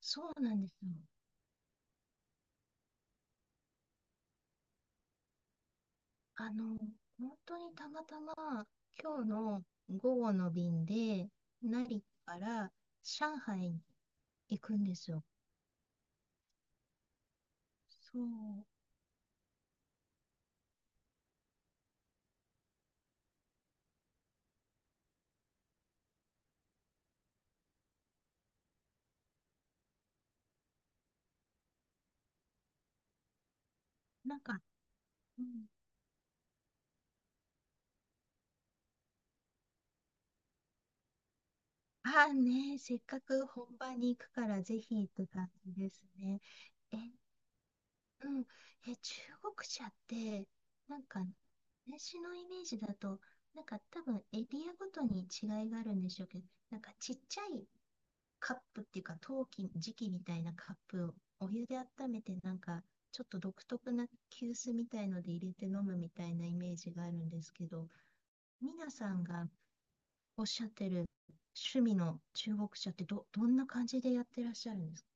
そうなんですよ。あの、本当にたまたま今日の午後の便で、成田から上海に行くんですよ。そう、なんか、うん、ああ、ね、せっかく本場に行くからぜひって感じですね。え、うん、え、中国茶って、なんか、私のイメージだと、なんか多分エリアごとに違いがあるんでしょうけど、なんかちっちゃいカップっていうか陶器、磁器みたいなカップをお湯で温めて、なんかちょっと独特な急須みたいので入れて飲むみたいなイメージがあるんですけど、皆さんがおっしゃってる趣味の中国茶ってどんな感じでやってらっしゃるんですか？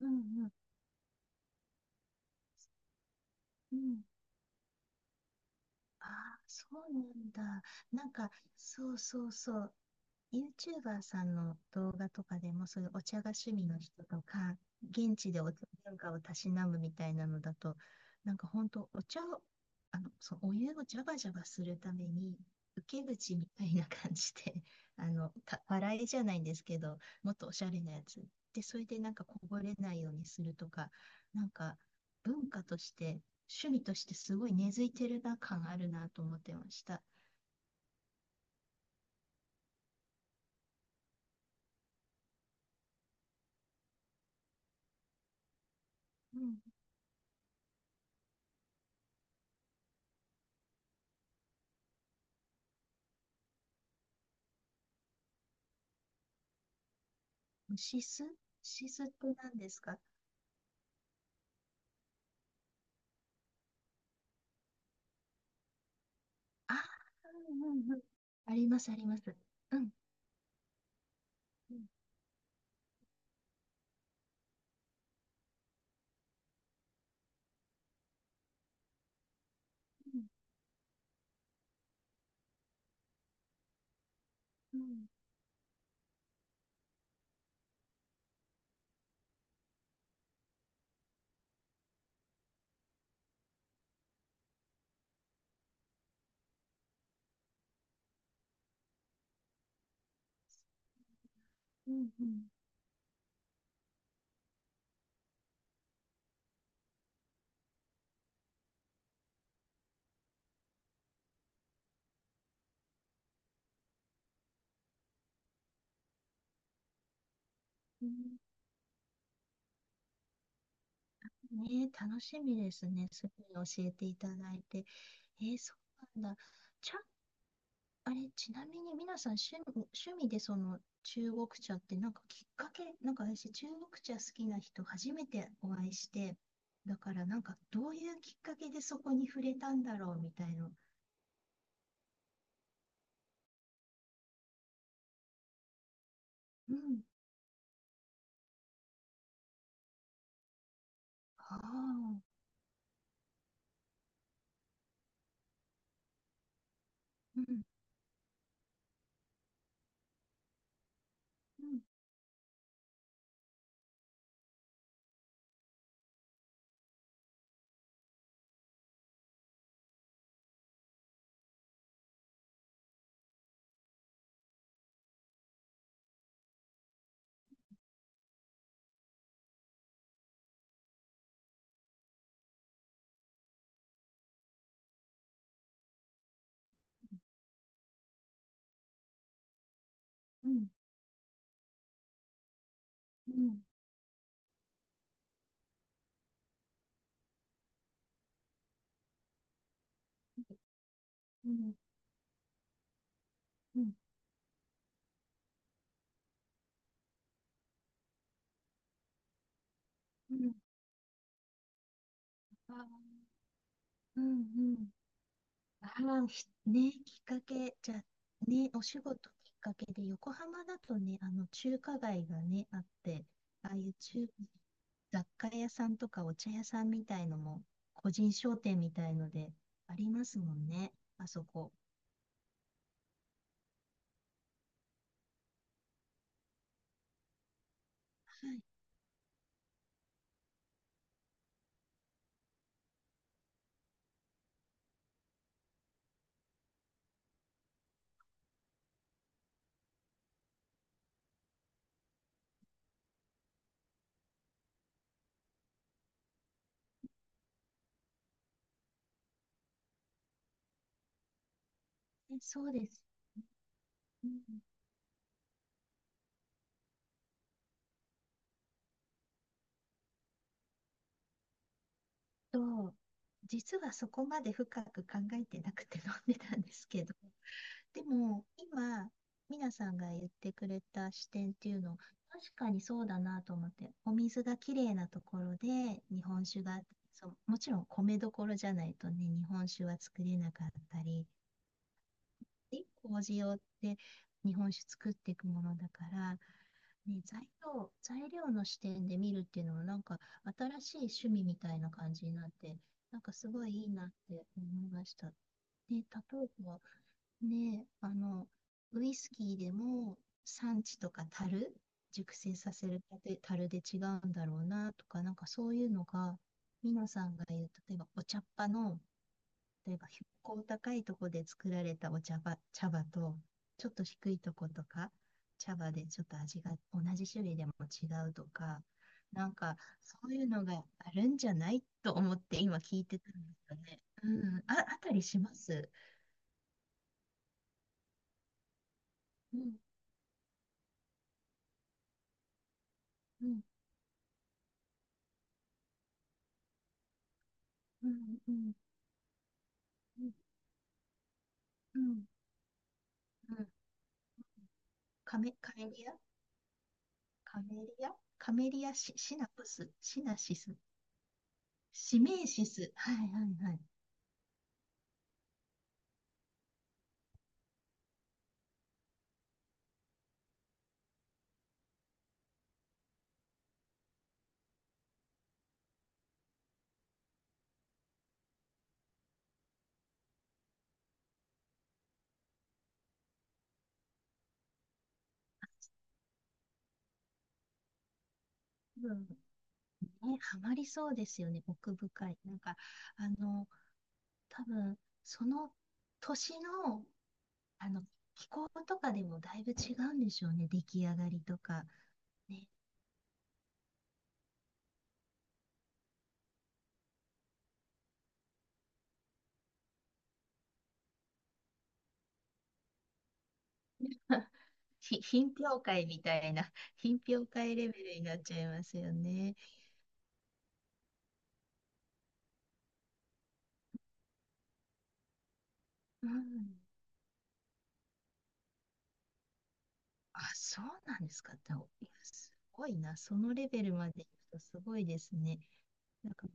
うんうんうん。ああ、そうなんだ。なんか、そうそうそう。YouTuber さんの動画とかでも、そういうお茶が趣味の人とか、現地でお茶文化をたしなむみたいなのだと、なんか本当、お茶を、そう、お湯をジャバジャバするために、受け口みたいな感じで、笑いじゃないんですけど、もっとおしゃれなやつ。で、それでなんかこぼれないようにするとか、なんか文化として、趣味としてすごい根付いてるな感あるなと思ってました。うん。シスシスって何ですか？ああ、うんうんうん。あります、あります。うん、うん、うん、うん、うん、うん。ねえ、楽しみですね。すごい教えていただいて。えー、そうなんだ。ちゃん、あれ、ちなみに皆さん趣味でその中国茶ってなんかきっかけ、なんか私、中国茶好きな人初めてお会いして、だからなんかどういうきっかけでそこに触れたんだろうみたいな。うん。ああ。うん。うん。うん。うん。うん。うん、うん、あ、うん、うん。ああ、きっかけ、じゃあ、ね、お仕事きっかけで、横浜だとね、中華街がね、あって、ああいう雑貨屋さんとかお茶屋さんみたいのも、個人商店みたいので、ありますもんね、あそこ。はい、え、そうです。うんと、実はそこまで深く考えてなくて飲んでたんですけど、でも今、ミナさんが言ってくれた視点っていうの、確かにそうだなと思って、お水がきれいなところで日本酒が、そう、もちろん米どころじゃないとね、日本酒は作れなかったり、で、麹をって日本酒作っていくものだから、ね、材料の視点で見るっていうのもなんか新しい趣味みたいな感じになって、なんかすごいいいなって思いました。で、例えば、ねえ、ウイスキーでも産地とか樽、熟成させるたて樽で違うんだろうなとか、なんかそういうのが、ミノさんが言う、例えばお茶っ葉の、例えば標高高いとこで作られたお茶葉、茶葉と、ちょっと低いとことか、茶葉でちょっと味が同じ種類でも違うとか、なんかそういうのがあるんじゃないと思って今聞いてたんですよね。うん、あったりします。うん、うん。うんうんうんうんうん。カメリア、カメリア、シナプスシナシス、シメイシス。はいはいはい。うん、ね、ハマりそうですよね、奥深い。なんか、あの、多分その年の、あの気候とかでもだいぶ違うんでしょうね、出来上がりとか。ね、品評会みたいな、品評会レベルになっちゃいますよね。うん、あ、そうなんですか。でもいやすごいな。そのレベルまで行くとすごいですね。なんか、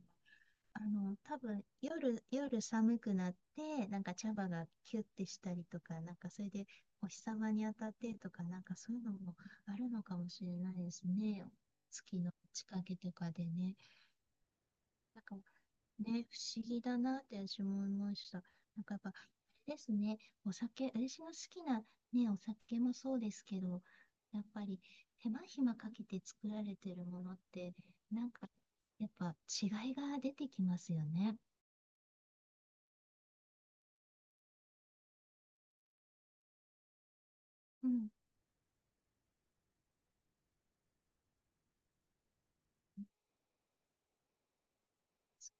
多分夜寒くなって、なんか茶葉がキュッてしたりとか、なんかそれでお日様に当たってとか、なんかそういうのもあるのかもしれないですね。月の近けとかでね。なんかね、不思議だなって私も思いました。なんかやっぱ、あれですね、お酒、私が好きな、ね、お酒もそうですけど、やっぱり手間暇かけて作られてるものって、なんかやっぱ違いが出てきますよね。うん、そ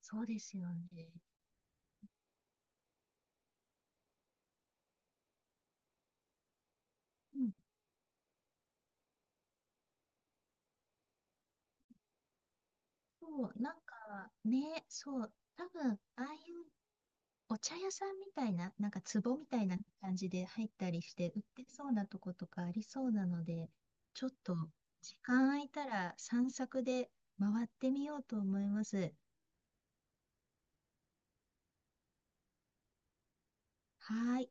そうですよね。うん、そう、なんかね、そう、多分ああいうお茶屋さんみたいな、なんか壺みたいな感じで入ったりして売ってそうなとことかありそうなので、ちょっと時間空いたら散策で回ってみようと思います。はーい。